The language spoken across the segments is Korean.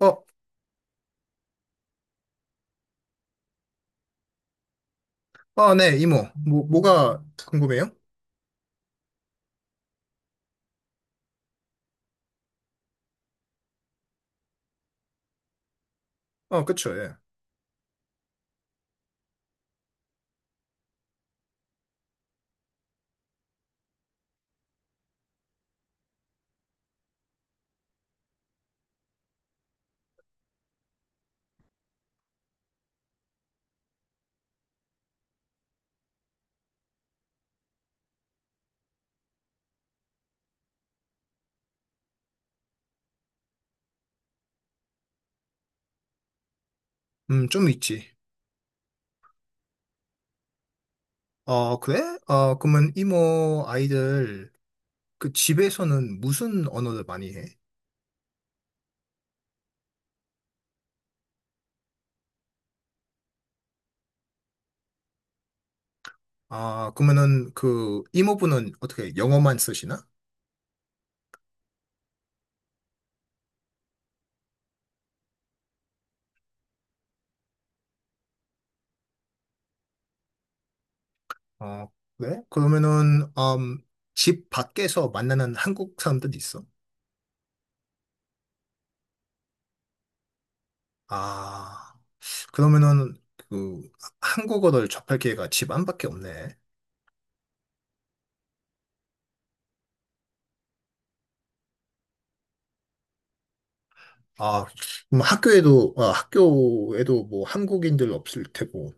어, 아, 네, 이모. 뭐가 궁금해요? 어, 그쵸, 예. 좀 있지. 어, 그래? 어, 그러면 이모 아이들 그 집에서는 무슨 언어를 많이 해? 아, 그러면은 그 이모분은 어떻게 영어만 쓰시나? 어, 그래? 그러면은, 집 밖에서 만나는 한국 사람들 있어? 아, 그러면은 그 한국어를 접할 기회가 집 안밖에 없네. 아, 그럼 학교에도 뭐 한국인들 없을 테고.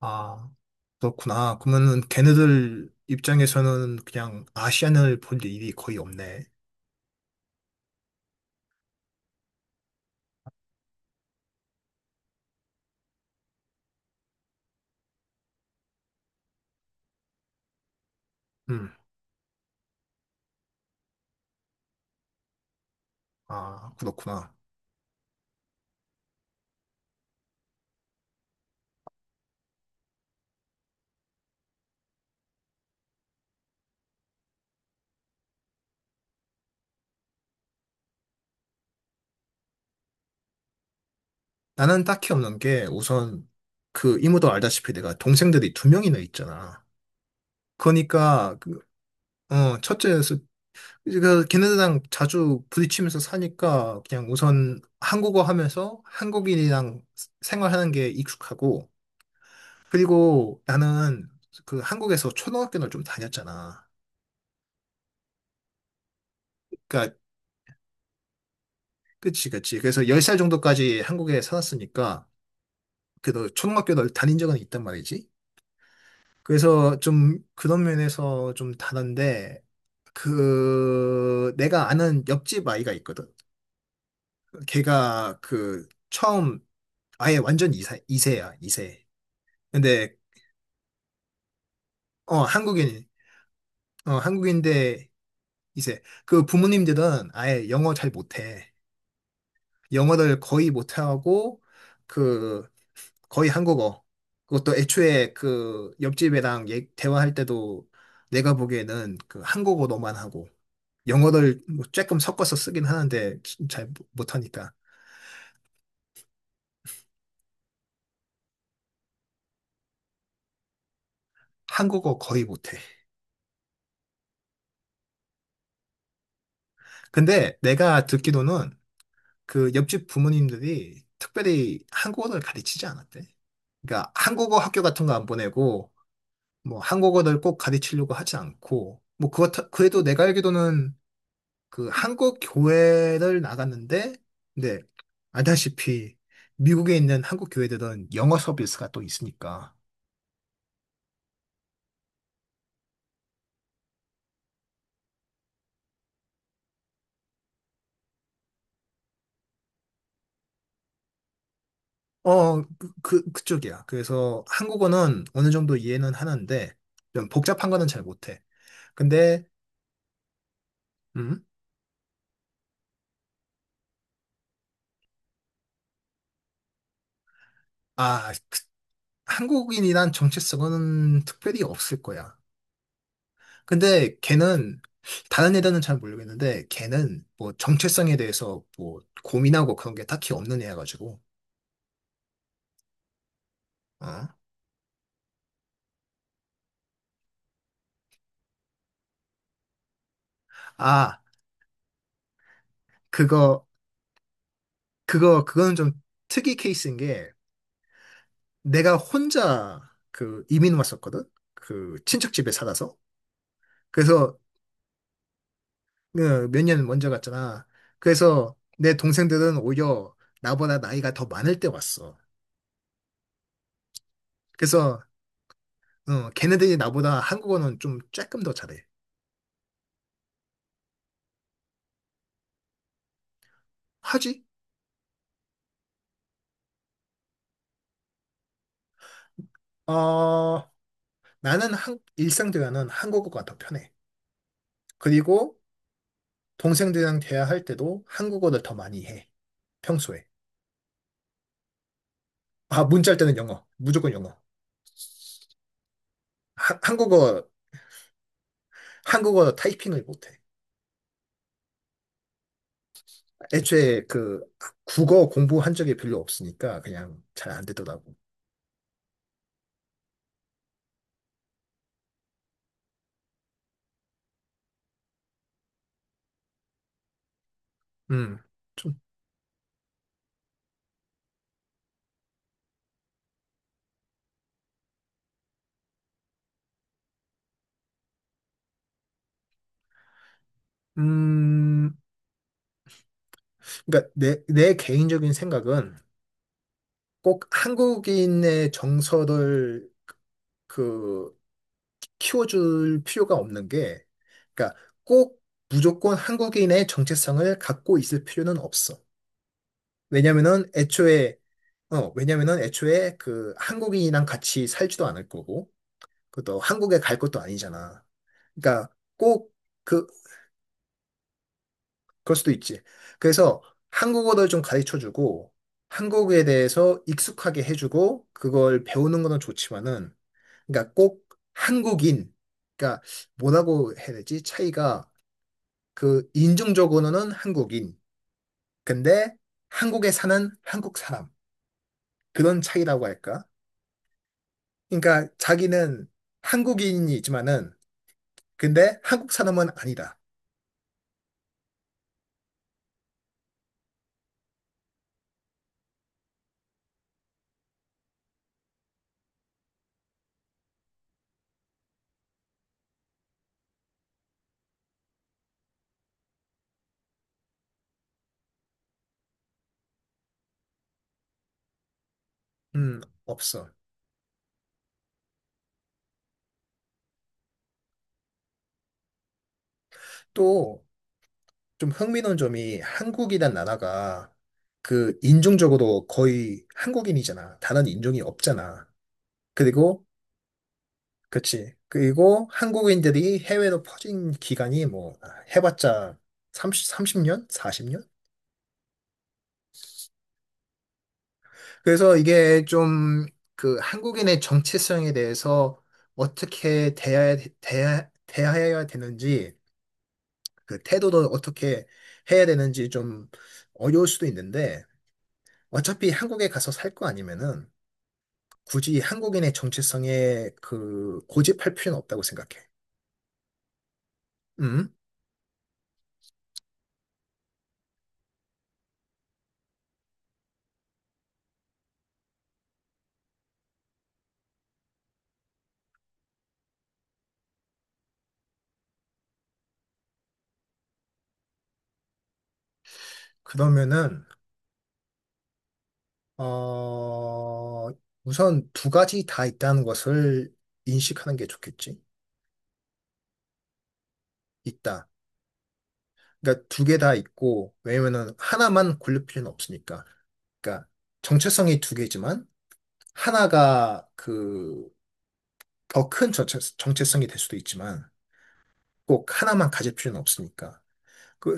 아, 그렇구나. 그러면은 걔네들 입장에서는 그냥 아시안을 볼 일이 거의 없네. 음, 아, 그렇구나. 나는 딱히 없는 게 우선 그 이모도 알다시피 내가 동생들이 두 명이나 있잖아. 그러니까 그, 어, 첫째에서 그 걔네들이랑 자주 부딪히면서 사니까 그냥 우선 한국어 하면서 한국인이랑 생활하는 게 익숙하고 그리고 나는 그 한국에서 초등학교를 좀 다녔잖아. 그러니까 그치 그치. 그래서 10살 정도까지 한국에 살았으니까 그래도 초등학교를 다닌 적은 있단 말이지. 그래서 좀 그런 면에서 좀 다른데 그 내가 아는 옆집 아이가 있거든. 걔가 그 처음 아예 완전 이세, 이세야, 이세. 근데, 어, 어, 한국인데, 이세. 그 부모님들은 아예 영어 잘 못해. 영어를 거의 못하고 그 거의 한국어. 그것도 애초에 그 옆집애랑 대화할 때도 내가 보기에는 그 한국어로만 하고 영어를 뭐 조금 섞어서 쓰긴 하는데 잘 못하니까 한국어 거의 못해. 근데 내가 듣기로는 그 옆집 부모님들이 특별히 한국어를 가르치지 않았대. 그러니까 한국어 학교 같은 거 안 보내고 뭐 한국어를 꼭 가르치려고 하지 않고 뭐 그렇다 그래도 내가 알기로는 그 한국 교회를 나갔는데, 근데 알다시피 미국에 있는 한국 교회들은 영어 서비스가 또 있으니까. 어, 그쪽이야. 그래서 한국어는 어느 정도 이해는 하는데, 좀 복잡한 거는 잘 못해. 근데, 음, 아, 한국인이란 정체성은 특별히 없을 거야. 근데 걔는, 다른 애들은 잘 모르겠는데, 걔는 뭐 정체성에 대해서 뭐 고민하고 그런 게 딱히 없는 애여가지고, 어. 아, 그거 그거는 좀 특이 케이스인 게 내가 혼자 그 이민 왔었거든. 그 친척 집에 살아서. 그래서 어, 몇년 먼저 갔잖아. 그래서 내 동생들은 오히려 나보다 나이가 더 많을 때 왔어. 그래서 어, 걔네들이 나보다 한국어는 좀 조금 더 잘해. 하지? 어, 나는 일상 대화는 한국어가 더 편해. 그리고 동생들이랑 대화할 때도 한국어를 더 많이 해. 평소에. 아, 문자할 때는 영어. 무조건 영어. 하- 한국어, 한국어 타이핑을 못해. 애초에 그 국어 공부한 적이 별로 없으니까 그냥 잘 안 되더라고. 음, 좀, 음, 그러니까 내 개인적인 생각은 꼭 한국인의 정서를 그 키워줄 필요가 없는 게, 그러니까 꼭 무조건 한국인의 정체성을 갖고 있을 필요는 없어. 왜냐면은 애초에 왜냐면은 애초에 그 한국인이랑 같이 살지도 않을 거고, 그것도 한국에 갈 것도 아니잖아. 그러니까 꼭 그, 그럴 수도 있지. 그래서 한국어를 좀 가르쳐주고 한국에 대해서 익숙하게 해주고 그걸 배우는 거는 좋지만은 그러니까 꼭 한국인 그러니까 뭐라고 해야 되지? 차이가 그 인종적으로는 한국인 근데 한국에 사는 한국 사람 그런 차이라고 할까? 그러니까 자기는 한국인이지만은 근데 한국 사람은 아니다. 없어. 또 좀 흥미로운 점이 한국이란 나라가 그 인종적으로 거의 한국인이잖아. 다른 인종이 없잖아. 그리고 그치. 그리고 한국인들이 해외로 퍼진 기간이 뭐 아, 해봤자 30, 년 40년? 그래서 이게 좀 그 한국인의 정체성에 대해서 어떻게 대해야 되는지 그 태도도 어떻게 해야 되는지 좀 어려울 수도 있는데 어차피 한국에 가서 살 거 아니면은 굳이 한국인의 정체성에 그 고집할 필요는 없다고 생각해. 음? 그러면은 어 우선 두 가지 다 있다는 것을 인식하는 게 좋겠지. 있다. 그러니까 두 개 다 있고 왜냐면은 하나만 고를 필요는 없으니까. 그러니까 정체성이 두 개지만 하나가 그 더 큰 정체성이 될 수도 있지만 꼭 하나만 가질 필요는 없으니까. 그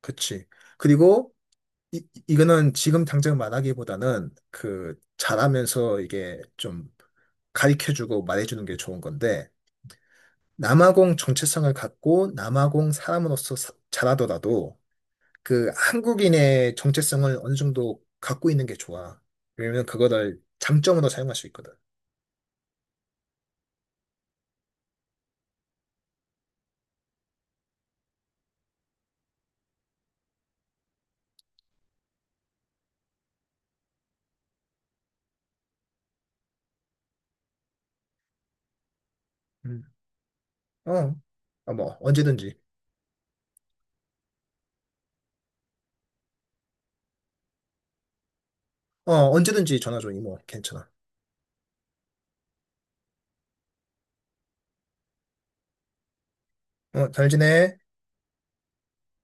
그치. 그리고 이거는 지금 당장 말하기보다는 그 잘하면서 이게 좀 가르쳐주고 말해주는 게 좋은 건데 남아공 정체성을 갖고 남아공 사람으로서 잘하더라도 그 한국인의 정체성을 어느 정도 갖고 있는 게 좋아. 왜냐면 그거를 장점으로 사용할 수 있거든. 음. 어, 어, 뭐 언제든지. 어, 언제든지 전화 줘, 이모. 괜찮아. 어, 잘 지내.